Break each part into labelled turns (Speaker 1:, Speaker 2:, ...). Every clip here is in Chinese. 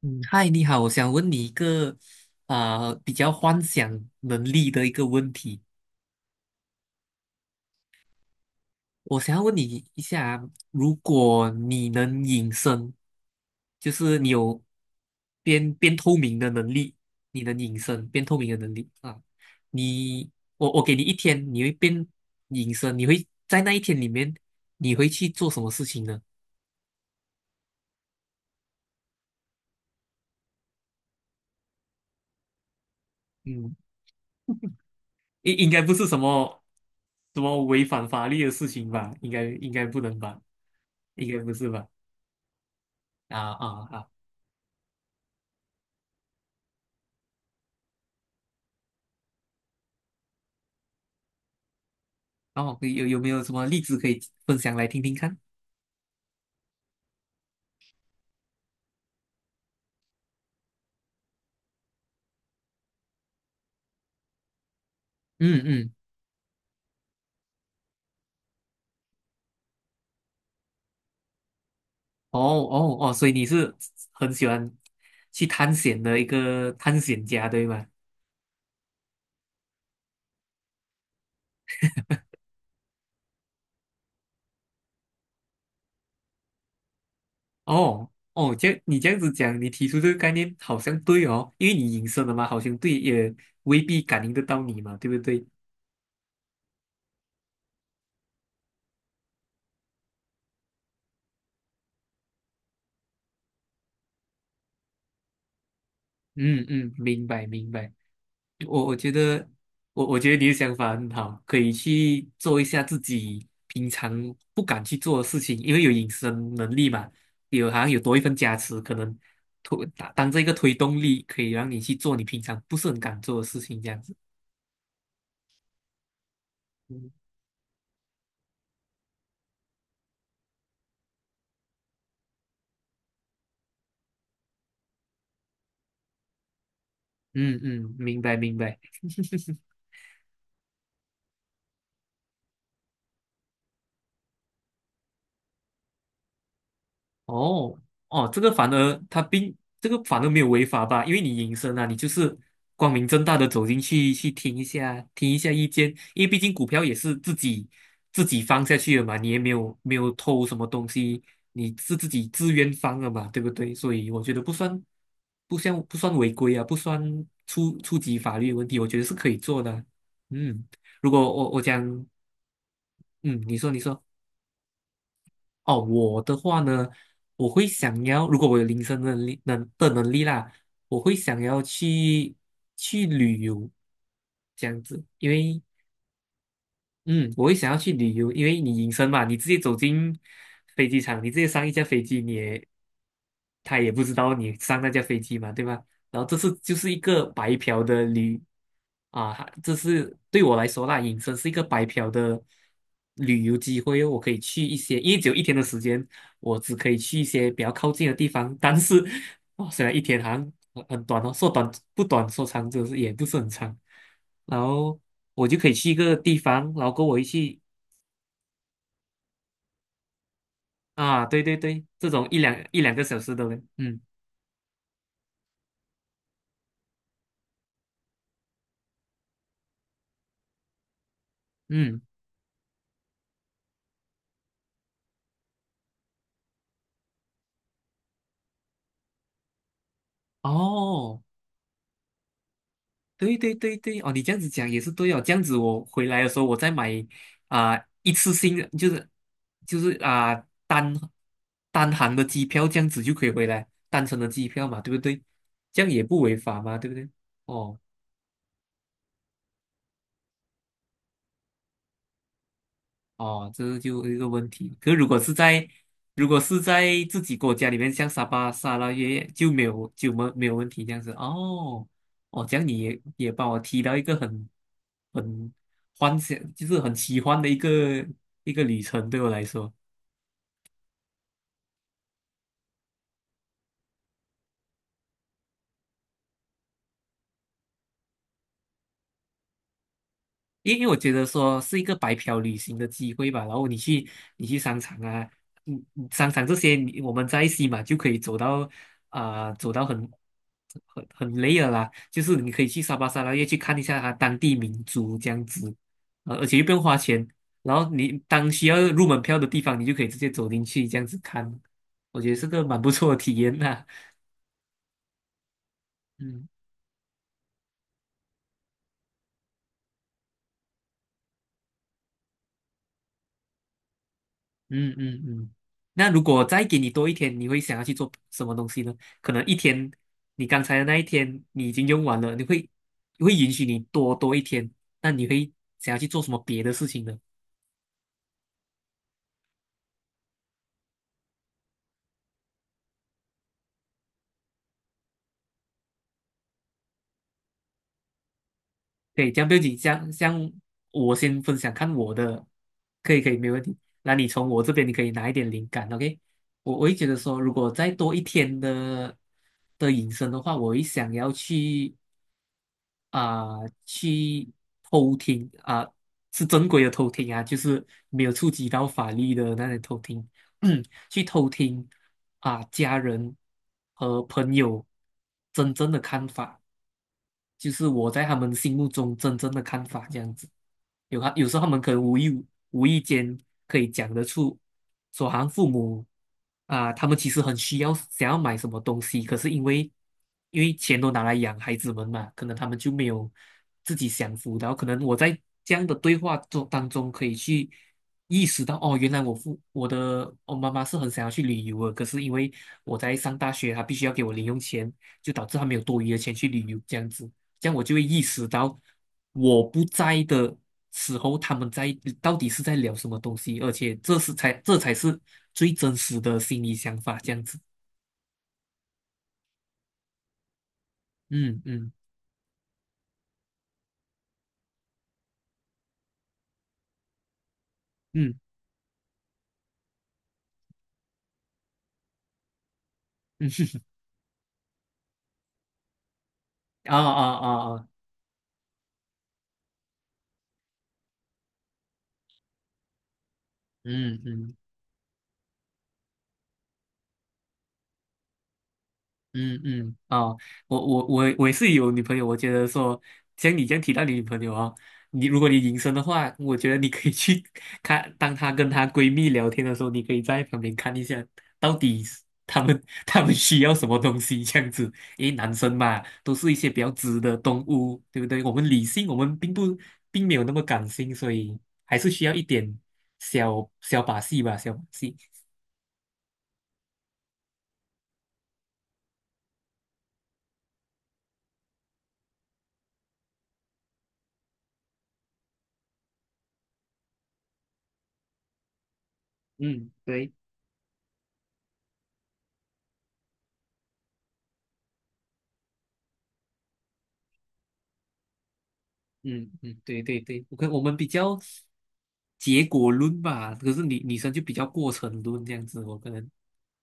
Speaker 1: 嗯，嗨，你好，我想问你一个比较幻想能力的一个问题。我想要问你一下啊，如果你能隐身，就是你有变透明的能力，你能隐身变透明的能力啊，你我给你一天，你会变隐身，你会在那一天里面，你会去做什么事情呢？嗯。应该不是什么违反法律的事情吧？应该不能吧？应该不是吧？啊啊啊！哦，有没有什么例子可以分享来听听看？嗯嗯。哦哦哦，所以你是很喜欢去探险的一个探险家，对吗？哦哦，这样你这样子讲，你提出这个概念好像对哦，因为你隐身了嘛，好像对，也未必感应得到你嘛，对不对？嗯嗯，明白明白。我觉得，我觉得你的想法很好，可以去做一下自己平常不敢去做的事情，因为有隐身能力嘛，有好像有多一份加持，可能推当当这个推动力，可以让你去做你平常不是很敢做的事情，这样子。嗯嗯，明白明白。哦哦，这个反而他并这个反而没有违法吧？因为你隐身啊，你就是光明正大的走进去去听一下，听一下意见，因为毕竟股票也是自己自己放下去的嘛，你也没有偷什么东西，你是自己自愿放的嘛，对不对？所以我觉得不算不算违规啊，不算触及法律问题，我觉得是可以做的啊。嗯，如果我讲，嗯，你说。哦，我的话呢，我会想要，如果我有临身能力能力啦，我会想要去旅游，这样子，因为嗯，我会想要去旅游，因为你隐身嘛，你直接走进飞机场，你直接上一架飞机，他也不知道你上那架飞机嘛，对吧？然后就是一个白嫖的旅，啊，这是对我来说啦，隐身是一个白嫖的旅游机会哦，我可以去一些，因为只有一天的时间，我只可以去一些比较靠近的地方，但是哦，虽然一天好像很短哦，说短不短，说长就是也不是很长。然后我就可以去一个地方，然后跟我一起啊，对对对，这种一两个小时的嘞，嗯嗯，哦，对对对对，哦，你这样子讲也是对哦，这样子我回来的时候我再买啊、一次性的就是就是啊、单单行的机票，这样子就可以回来，单程的机票嘛，对不对？这样也不违法嘛，对不对？哦。哦，这是就一个问题。可是如果是在如果是在自己国家里面，像沙巴、沙拉越就没有就没没有问题这样子。哦，哦，这样你也也帮我提到一个很很幻想，就是很奇幻的一个旅程，对我来说。因为我觉得说是一个白嫖旅行的机会吧，然后你去商场啊，嗯，嗯，商场这些你我们在西马就可以走到走到很累了啦，就是你可以去沙巴沙拉越去看一下它当地民族这样子，呃，而且又不用花钱，然后你当需要入门票的地方，你就可以直接走进去这样子看，我觉得是个蛮不错的体验呐、嗯。嗯嗯嗯，那如果再给你多一天，你会想要去做什么东西呢？可能一天，你刚才的那一天你已经用完了，会允许你多一天，那你会想要去做什么别的事情呢？可以，这样不要紧，像我先分享看我的，可以，没问题。那你从我这边你可以拿一点灵感，OK？我会觉得说，如果再多一天的隐身的话，我会想要去。啊、去偷听啊、是正规的偷听啊，就是没有触及到法律的那些偷听，去偷听啊、家人和朋友真正的看法。就是我在他们心目中真正的看法这样子。有时候他们可能无意间可以讲得出，说好像父母啊，他们其实很需要想要买什么东西，可是因为钱都拿来养孩子们嘛，可能他们就没有自己享福，然后可能我在这样的对话中当中可以去意识到，哦，原来我的我妈妈是很想要去旅游的，可是因为我在上大学，她必须要给我零用钱，就导致她没有多余的钱去旅游这样子。这样我就会意识到我不在的时候，他们在到底是在聊什么东西，而且这才是最真实的心理想法，这样子。嗯嗯嗯嗯，啊啊啊啊，嗯嗯。嗯嗯啊，我也是有女朋友，我觉得说像你这样提到你女朋友哦，你如果你隐身的话，我觉得你可以去 看，当她跟她闺蜜聊天的时候，你可以在旁边看一下，到底是她们 她们需要什么东西这样子。因为男生嘛，都是一些比较直的动物，对不对？我们理性，我们并不并没有那么感性，所以还是需要一点小小把戏吧，小把戏。嗯，对。嗯嗯，对对对，我看我们比较结果论吧，可是女生就比较过程论这样子，我可能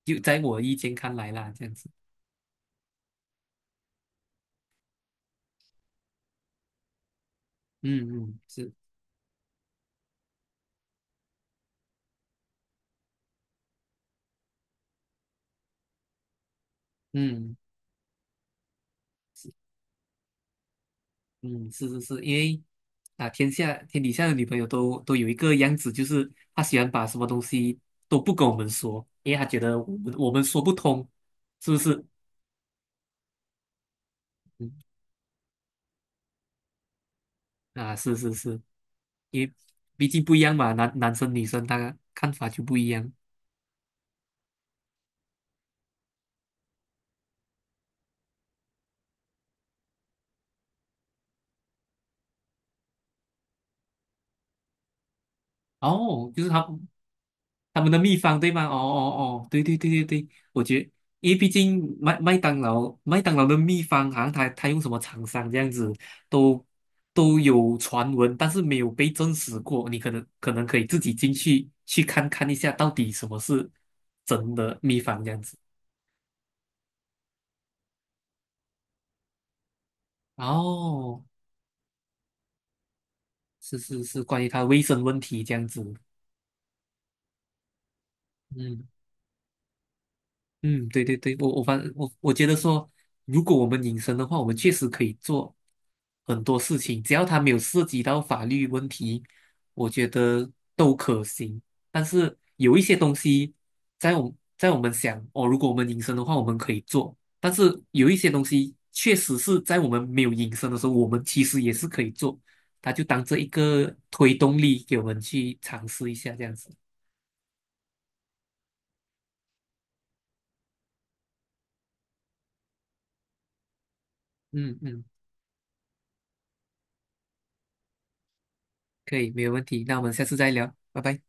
Speaker 1: 就在我意见看来啦，这样子，嗯嗯是，嗯嗯是是是，因为啊天底下的女朋友都都有一个样子，就是她喜欢把什么东西都不跟我们说，因为她觉得我们说不通，是不是？嗯，啊是是是，因为毕竟不一样嘛，男生女生他看法就不一样。哦，就是他，他们的秘方对吗？哦哦哦，对对对对对，我觉得，因为毕竟麦当劳的秘方，好像他他用什么厂商这样子，都都有传闻，但是没有被证实过。你可能可以自己进去去看一下，到底什么是真的秘方这样子。哦，是是是，关于它卫生问题这样子。嗯。嗯，对对对，我我反我我觉得说，如果我们隐身的话，我们确实可以做很多事情，只要它没有涉及到法律问题，我觉得都可行。但是有一些东西在我们想哦，如果我们隐身的话，我们可以做，但是有一些东西确实是在我们没有隐身的时候，我们其实也是可以做，它就当这一个推动力给我们去尝试一下这样子。嗯嗯，可以，没有问题。那我们下次再聊，拜拜。